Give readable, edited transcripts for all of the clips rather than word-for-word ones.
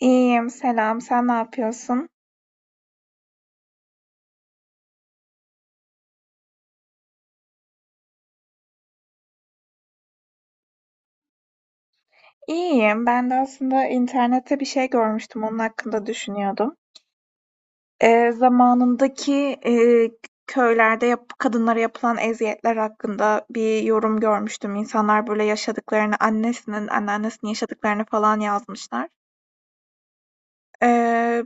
İyiyim, selam. Sen ne yapıyorsun? İyiyim. Ben de aslında internette bir şey görmüştüm. Onun hakkında düşünüyordum. Zamanındaki e, köylerde kadınlara yapılan eziyetler hakkında bir yorum görmüştüm. İnsanlar böyle yaşadıklarını, annesinin, anneannesinin yaşadıklarını falan yazmışlar. Ee,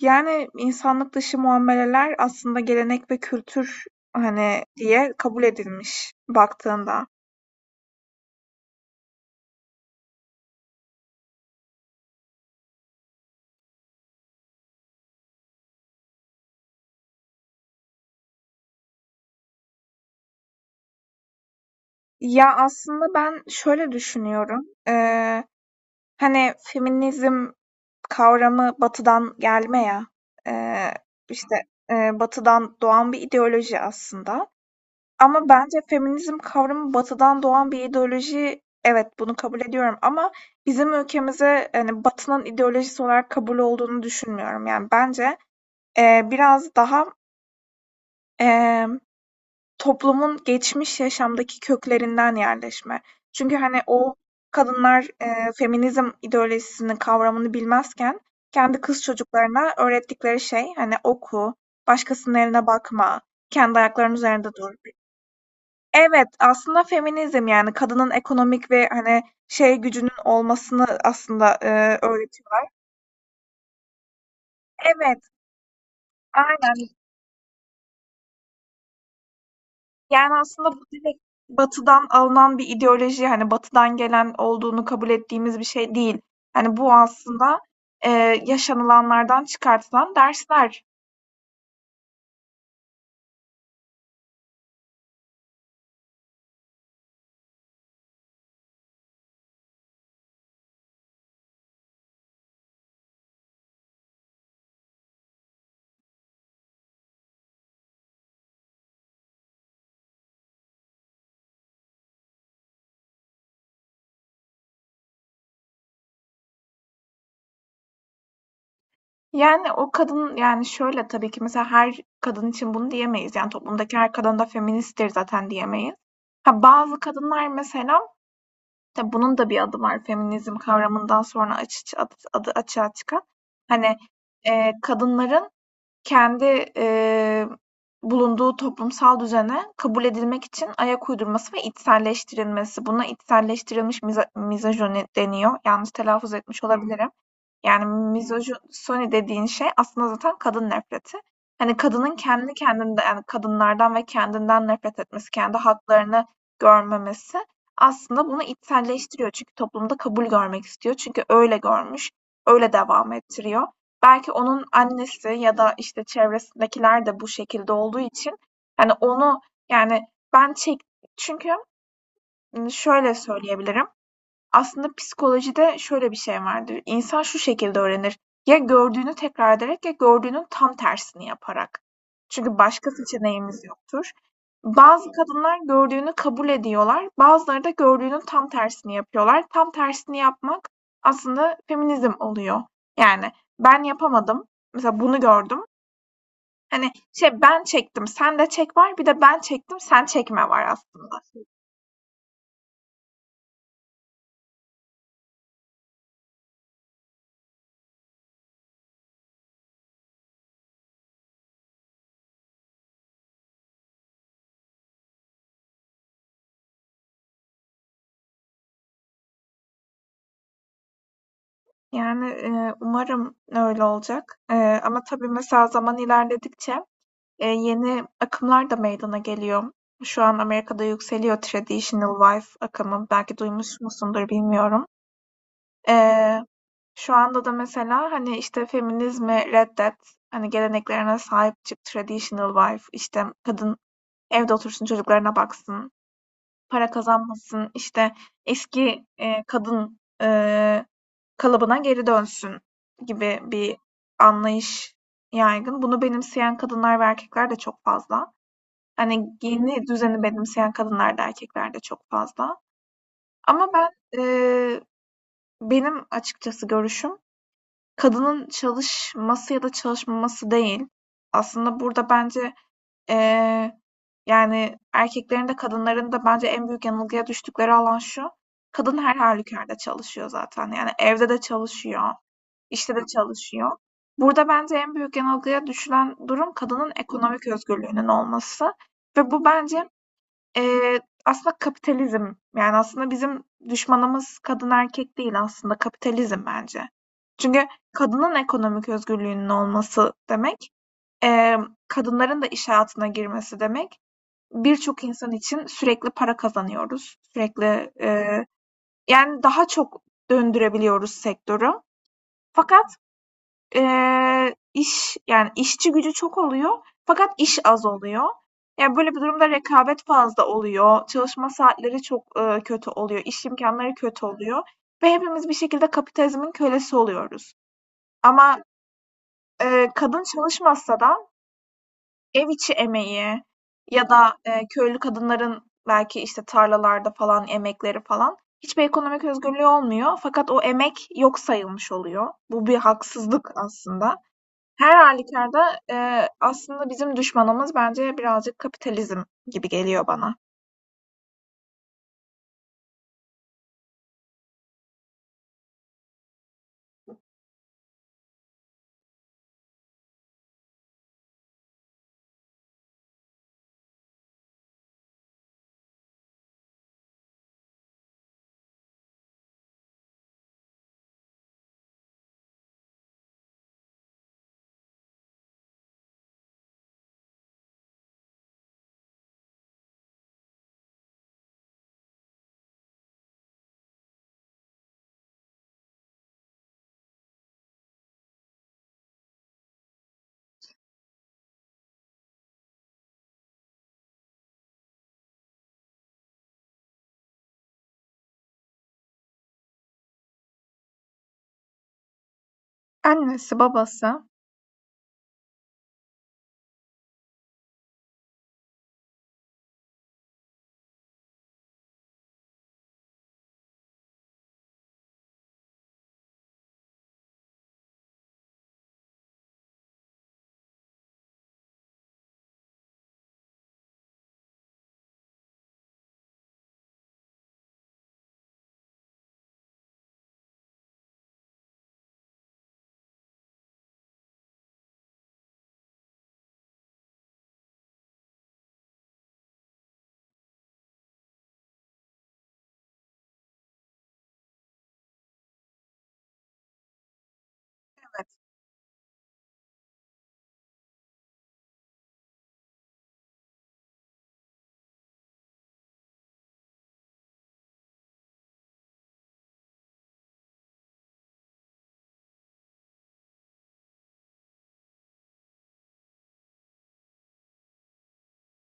Yani insanlık dışı muameleler aslında gelenek ve kültür hani diye kabul edilmiş baktığında. Ya, aslında ben şöyle düşünüyorum. Hani, feminizm kavramı Batı'dan gelme ya, eee, işte, Batı'dan doğan bir ideoloji aslında, ama bence feminizm kavramı Batı'dan doğan bir ideoloji, evet, bunu kabul ediyorum, ama bizim ülkemize, hani, Batı'nın ideolojisi olarak kabul olduğunu düşünmüyorum. Yani, bence, biraz daha, toplumun geçmiş yaşamdaki köklerinden yerleşme. Çünkü, hani, o kadınlar, feminizm ideolojisini, kavramını bilmezken kendi kız çocuklarına öğrettikleri şey, hani, oku, başkasının eline bakma, kendi ayaklarının üzerinde dur. Evet, aslında feminizm, yani, kadının ekonomik ve, hani, şey gücünün olmasını aslında, öğretiyorlar. Evet, aynen. Yani aslında bu direkt Batı'dan alınan bir ideoloji, hani Batı'dan gelen olduğunu kabul ettiğimiz bir şey değil. Hani bu aslında e, yaşanılanlardan çıkartılan dersler. Yani o kadın yani şöyle tabii ki mesela her kadın için bunu diyemeyiz. Yani toplumdaki her kadın da feministtir zaten diyemeyiz. Ha, bazı kadınlar mesela tabii bunun da bir adı var feminizm kavramından sonra adı açığa çıkan. Hani kadınların kendi, eee, bulunduğu toplumsal düzene kabul edilmek için ayak uydurması ve içselleştirilmesi. Buna içselleştirilmiş mizojeni deniyor. Yanlış telaffuz etmiş olabilirim. Yani mizojini dediğin şey aslında zaten kadın nefreti. Hani kadının kendi kendinde yani kadınlardan ve kendinden nefret etmesi, kendi haklarını görmemesi aslında bunu içselleştiriyor. Çünkü toplumda kabul görmek istiyor. Çünkü öyle görmüş, öyle devam ettiriyor. Belki onun annesi ya da işte çevresindekiler de bu şekilde olduğu için hani onu, yani, ben çek çünkü şöyle söyleyebilirim. Aslında psikolojide şöyle bir şey vardır. İnsan şu şekilde öğrenir. Ya gördüğünü tekrar ederek ya gördüğünün tam tersini yaparak. Çünkü başka seçeneğimiz yoktur. Bazı kadınlar gördüğünü kabul ediyorlar. Bazıları da gördüğünün tam tersini yapıyorlar. Tam tersini yapmak aslında feminizm oluyor. Yani ben yapamadım. Mesela bunu gördüm. Hani şey ben çektim, sen de çek var. Bir de ben çektim, sen çekme var aslında. Yani, umarım öyle olacak, ama tabii mesela zaman ilerledikçe, yeni akımlar da meydana geliyor. Şu an Amerika'da yükseliyor traditional wife akımı. Belki duymuş musundur bilmiyorum. Eee, Şu anda da mesela, hani, işte, feminizmi reddet, hani, geleneklerine sahip çık, traditional wife, işte, kadın evde otursun, çocuklarına baksın, para kazanmasın, işte, eski, kadın, kalıbına geri dönsün gibi bir anlayış yaygın. Bunu benimseyen kadınlar ve erkekler de çok fazla. Hani yeni düzeni benimseyen kadınlar da erkekler de çok fazla. Ama eee, benim açıkçası görüşüm kadının çalışması ya da çalışmaması değil. Aslında burada bence, eee, yani erkeklerin de kadınların da bence en büyük yanılgıya düştükleri alan şu. Kadın her halükarda çalışıyor zaten. Yani evde de çalışıyor işte de çalışıyor. Burada bence en büyük yanılgıya düşülen durum kadının ekonomik özgürlüğünün olması, ve bu bence, eee, aslında kapitalizm. Yani aslında bizim düşmanımız kadın erkek değil, aslında kapitalizm bence. Çünkü kadının ekonomik özgürlüğünün olması demek, kadınların da iş hayatına girmesi demek. Birçok insan için sürekli para kazanıyoruz. Sürekli, yani daha çok döndürebiliyoruz sektörü. Fakat yani, işçi gücü çok oluyor fakat iş az oluyor. Yani böyle bir durumda rekabet fazla oluyor, çalışma saatleri çok, kötü oluyor, iş imkanları kötü oluyor ve hepimiz bir şekilde kapitalizmin kölesi oluyoruz. Ama, kadın çalışmasa da ev içi emeği ya da, köylü kadınların belki, işte, tarlalarda falan emekleri falan hiçbir ekonomik özgürlüğü olmuyor, fakat o emek yok sayılmış oluyor. Bu bir haksızlık aslında. Her halükarda, aslında bizim düşmanımız bence birazcık kapitalizm gibi geliyor bana. Annesi, babası. Evet.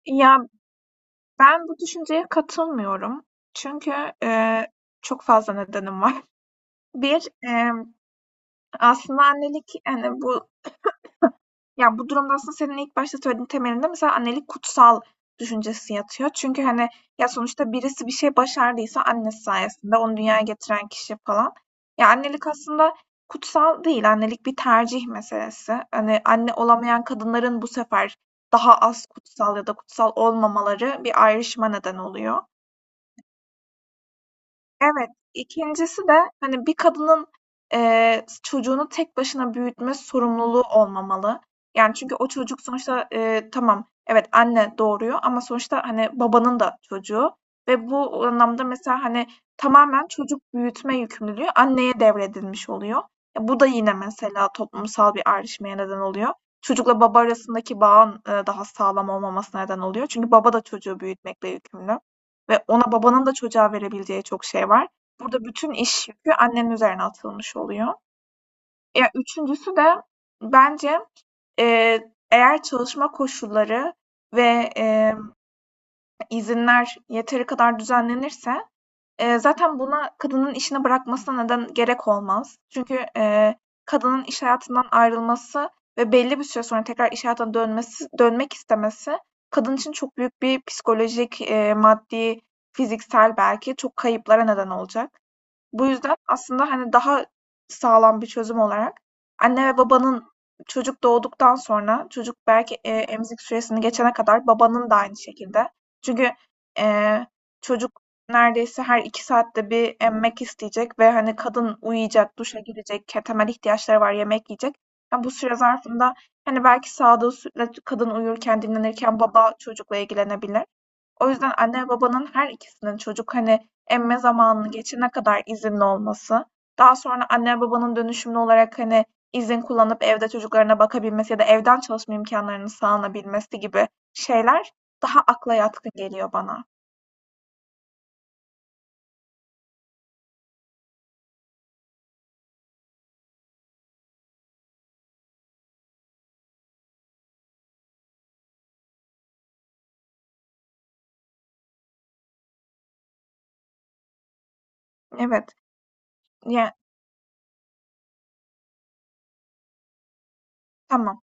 Ya, ben bu düşünceye katılmıyorum. Çünkü, eee, çok fazla nedenim var. Bir Aslında annelik, hani, bu ya, bu durumda aslında senin ilk başta söylediğin temelinde mesela annelik kutsal düşüncesi yatıyor. Çünkü, hani, ya, sonuçta birisi bir şey başardıysa annesi sayesinde, onu dünyaya getiren kişi falan. Ya, annelik aslında kutsal değil, annelik bir tercih meselesi. Hani, anne olamayan kadınların bu sefer daha az kutsal ya da kutsal olmamaları bir ayrışma neden oluyor. Evet, ikincisi de hani bir kadının, çocuğunu tek başına büyütme sorumluluğu olmamalı. Yani çünkü o çocuk sonuçta tamam, evet, anne doğuruyor ama sonuçta hani babanın da çocuğu ve bu anlamda mesela hani tamamen çocuk büyütme yükümlülüğü anneye devredilmiş oluyor. Ya bu da yine mesela toplumsal bir ayrışmaya neden oluyor. Çocukla baba arasındaki bağın daha sağlam olmamasına neden oluyor. Çünkü baba da çocuğu büyütmekle yükümlü. Ve ona babanın da çocuğa verebileceği çok şey var. Burada bütün iş yükü annenin üzerine atılmış oluyor. Ya üçüncüsü de bence eğer çalışma koşulları ve izinler yeteri kadar düzenlenirse zaten buna kadının işini bırakmasına neden gerek olmaz. Çünkü, kadının iş hayatından ayrılması ve belli bir süre sonra tekrar iş hayatına dönmesi dönmek istemesi kadın için çok büyük bir psikolojik, maddi, fiziksel belki çok kayıplara neden olacak. Bu yüzden aslında, hani, daha sağlam bir çözüm olarak anne ve babanın çocuk doğduktan sonra çocuk belki, emzik süresini geçene kadar babanın da aynı şekilde. Çünkü, eee, çocuk neredeyse her 2 saatte bir emmek isteyecek ve, hani, kadın uyuyacak, duşa girecek, temel ihtiyaçları var, yemek yiyecek. Ya, bu süre zarfında, hani, belki sağdığı sütle kadın uyurken, dinlenirken baba çocukla ilgilenebilir. O yüzden anne babanın her ikisinin çocuk hani emme zamanını geçene kadar izinli olması, daha sonra anne babanın dönüşümlü olarak hani izin kullanıp evde çocuklarına bakabilmesi ya da evden çalışma imkanlarını sağlanabilmesi gibi şeyler daha akla yatkın geliyor bana. Evet. Ya, tamam.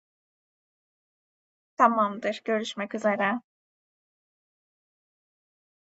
Tamamdır. Görüşmek üzere.